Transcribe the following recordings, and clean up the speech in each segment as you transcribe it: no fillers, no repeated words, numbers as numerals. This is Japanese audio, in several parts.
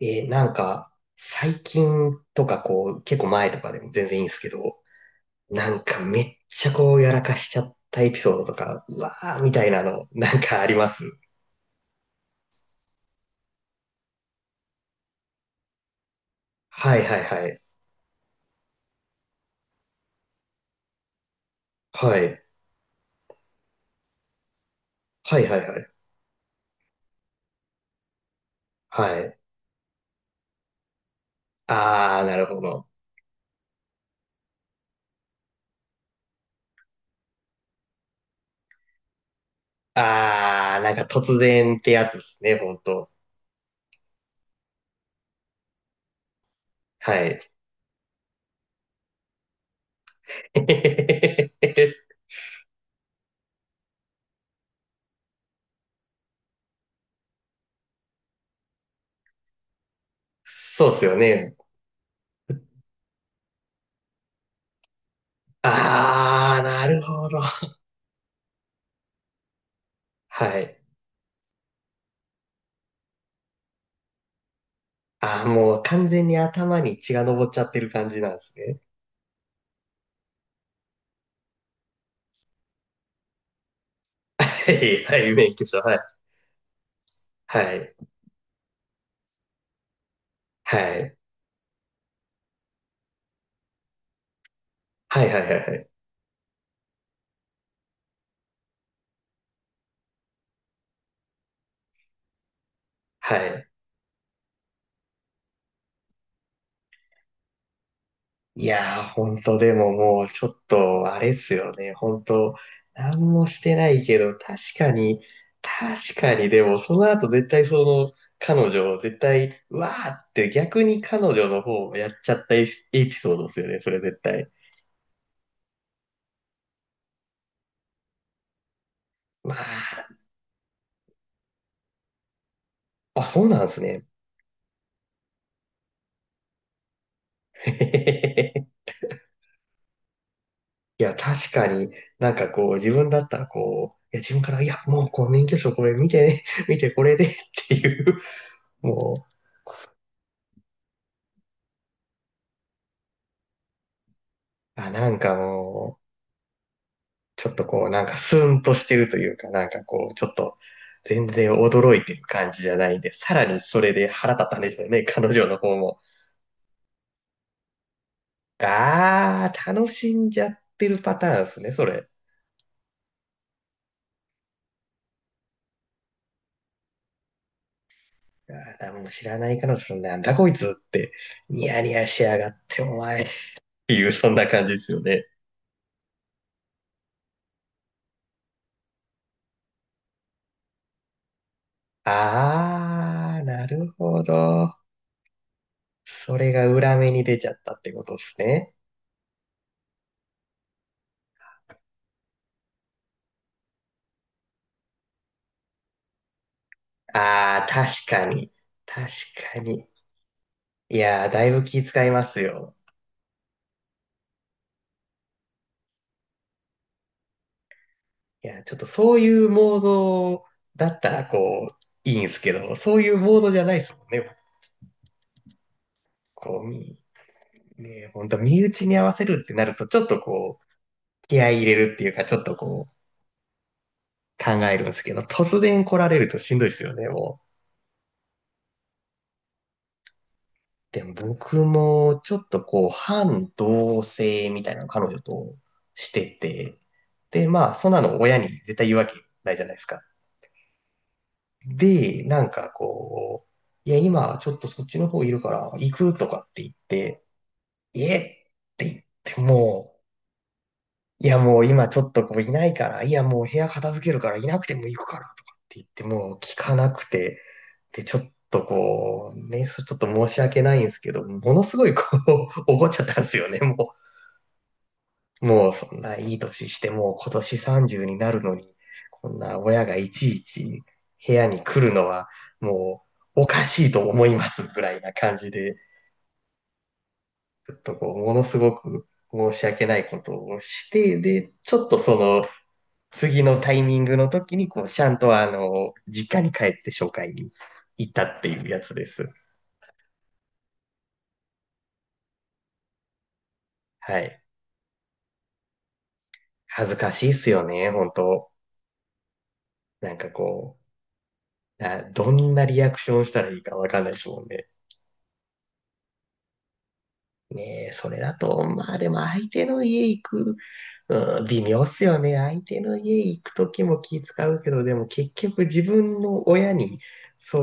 なんか、最近とかこう、結構前とかでも全然いいんですけど、なんかめっちゃこう、やらかしちゃったエピソードとか、うわーみたいなの、なんかあります？はいはいはい。はい。はいはいはい。はい。あー、なるほど。あー、なんか突然ってやつですね、ほんと。はい。そうっすよね。あー、なるほど。はい。あー、もう完全に頭に血が上っちゃってる感じなんですね。はい、はい、免許証、はい。はい。はい。はいはいはいはい。はい。いやー、ほんと、でももう、ちょっと、あれっすよね。ほんと、もしてないけど、確かに、確かに、でも、その後絶対その、彼女を絶対、うわーって逆に彼女の方をやっちゃったエピソードですよね、それ絶対。まあ、あ、そうなんですね。いや、確かになんかこう、自分だったらこう、いや、自分から、いや、もうこう、免許証これ見てね、見てこれでっていう、もう、あ、なんかもう、ちょっとこう、なんかスーンとしてるというか、なんかこう、ちょっと、全然驚いてる感じじゃないんで、さらにそれで腹立ったんでしょうね、彼女の方も。あー、楽しんじゃってるパターンですね、それ。あー、もう知らない彼女さん、なんだこいつって、ニヤニヤしやがって、お前っていう、そんな感じですよね。あー、なるほど。それが裏目に出ちゃったってことですね。あー、確かに。確かに。いやー、だいぶ気遣いますよ。いや、ちょっとそういうモードだったら、こう、いいんすけど、そういうモードじゃないですもんね。こう、ね、本当身内に合わせるってなると、ちょっとこう、気合い入れるっていうか、ちょっとこう、考えるんですけど、突然来られるとしんどいですよね、もう。でも僕もちょっとこう反同性みたいなの彼女としてて、で、まあそんなの親に絶対言うわけないじゃないですか。で、なんかこう、いや今ちょっとそっちの方いるから行くとかって言って、えって言ってもいや、もう今ちょっとこういないから、いや、もう部屋片付けるからいなくても行くからとかって言って、もう聞かなくて、で、ちょっとこう、ね、ちょっと申し訳ないんですけど、ものすごいこう、怒っちゃったんですよね、もう。もうそんないい年して、もう今年30になるのに、こんな親がいちいち部屋に来るのは、もうおかしいと思いますぐらいな感じで、ちょっとこう、ものすごく申し訳ないことをして、で、ちょっとその、次のタイミングの時に、こう、ちゃんと実家に帰って紹介に行ったっていうやつです。はい。恥ずかしいっすよね、本当なんかこう、どんなリアクションしたらいいかわかんないですもんね。ねえ、それだと、まあでも相手の家行く、うん、微妙っすよね。相手の家行く時も気使うけど、でも結局自分の親にそ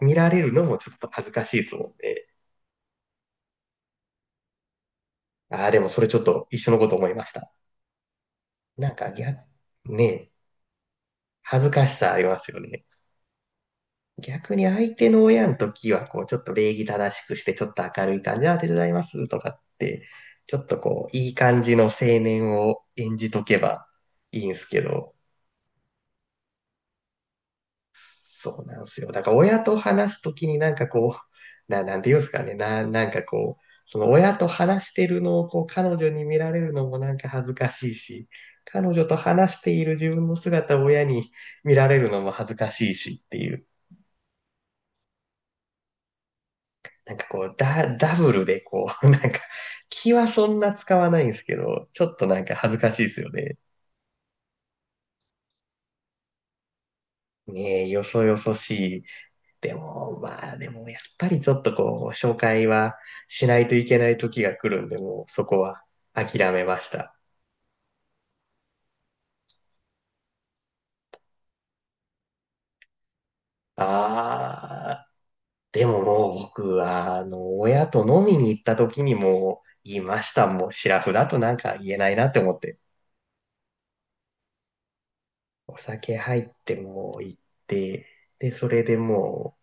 う見られるのもちょっと恥ずかしいですもんね。ああ、でもそれちょっと一緒のこと思いました。なんか逆、ね、恥ずかしさありますよね。逆に相手の親の時は、こう、ちょっと礼儀正しくして、ちょっと明るい感じ、ああ、手伝いますとかって、ちょっとこう、いい感じの青年を演じとけばいいんすけど、そうなんですよ。だから親と話すときになんかこう、なんていうんですかね、なんかこう、その親と話してるのをこう彼女に見られるのもなんか恥ずかしいし、彼女と話している自分の姿を親に見られるのも恥ずかしいしっていう、なんかこう、ダブルでこう、なんか気はそんな使わないんですけど、ちょっとなんか恥ずかしいですよね。ねえ、よそよそしいでも、まあ、でも、やっぱりちょっとこう、紹介はしないといけない時が来るんで、もうそこは諦めました。ああ、でももう僕は、あの、親と飲みに行った時にもう言いました。もう、シラフだとなんか言えないなって思って。お酒入ってもう行って、で、それでも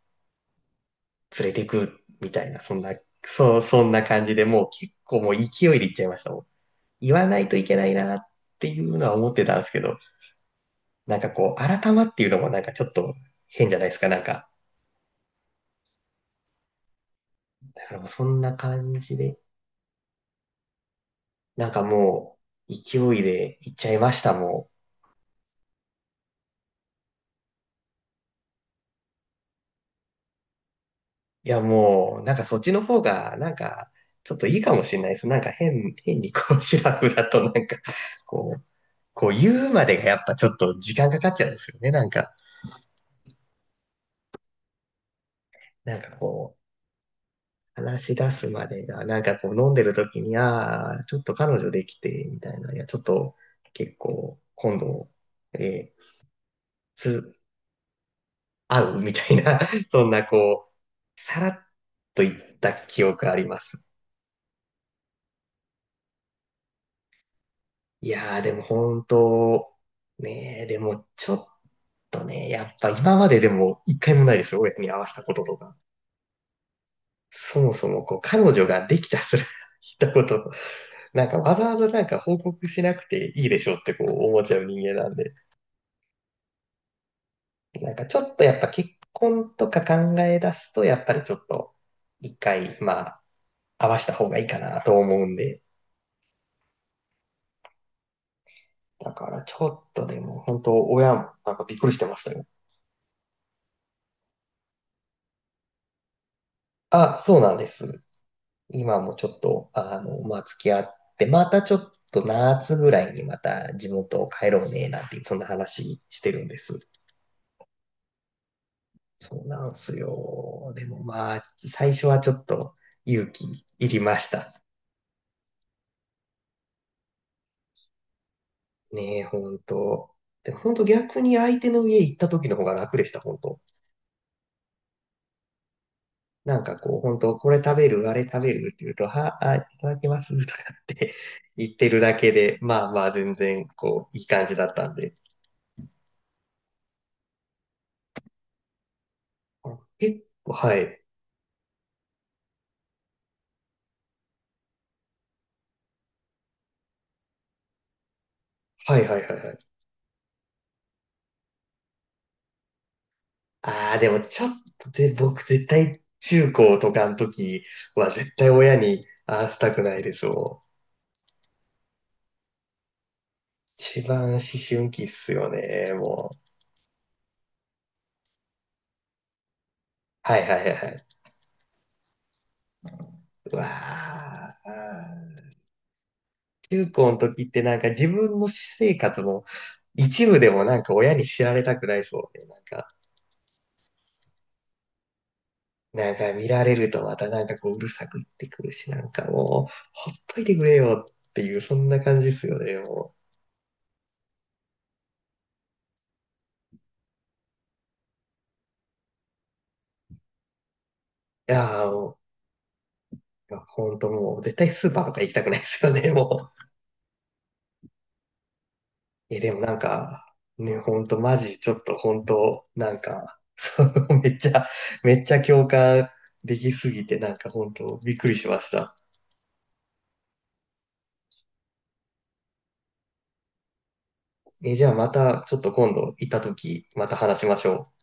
う連れてくみたいな、そんな、そう、そんな感じでもう結構もう勢いで行っちゃいましたもん。言わないといけないなっていうのは思ってたんですけど、なんかこう、改まっていうのもなんかちょっと変じゃないですか、なんか。だからもうそんな感じで、なんかもう、勢いで行っちゃいました、もう。いや、もう、なんかそっちの方が、なんか、ちょっといいかもしれないです。なんか変にこう、シラフだとなんか、こう、こう言うまでがやっぱちょっと時間かかっちゃうんですよね、なんか。なんかこう、話し出すまでが、なんかこう飲んでる時に、ああ、ちょっと彼女できて、みたいな、いや、ちょっと結構今度、えーつ、合う みたいな、そんなこう、さらっと言った記憶あります。いやー、でも本当、ねえ、でもちょっとね、やっぱ今まででも一回もないですよ、親に会わせたこととか。そもそもこう、彼女ができたすら、言ったこと、なんかわざわざなんか報告しなくていいでしょうってこう思っちゃう人間なんで、なんかちょっとやっぱ結婚とか考え出すと、やっぱりちょっと一回、まあ、合わせた方がいいかなと思うんで、だからちょっとでも、本当親もなんかびっくりしてましたよ。あ、そうなんです。今もちょっと、あの、まあ、付き合って、またちょっと夏ぐらいにまた地元を帰ろうね、なんて、そんな話してるんです。そうなんですよ。でもまあ、最初はちょっと勇気いりました。ねえ、本当。でも逆に相手の家行った時の方が楽でした、本当。なんかこう、本当これ食べる、あれ食べるって言うと、は、あ、いただきますとかって 言ってるだけで、まあまあ全然、こう、いい感じだったんで。あ結構、はい。はいはいはいはい。ああ、でもちょっとで、僕絶対中高とかの時は絶対親に合わせたくないですもん。一番思春期っすよね、もう。はいはいはいはい。うわあ。中高の時ってなんか自分の私生活も一部でもなんか親に知られたくないそうで、なんか見られるとまたなんかこううるさく言ってくるし、なんかもう、ほっといてくれよっていう、そんな感じですよね、もう。いやー、もう、ほんともう、絶対スーパーとか行きたくないですよね、もう。え、でもなんか、ね、ほんとマジ、ちょっとほんと、なんか、その、めっちゃ、めっちゃ共感できすぎて、なんかほんと、びっくりしました。え、じゃあまた、ちょっと今度行った時、また話しましょう。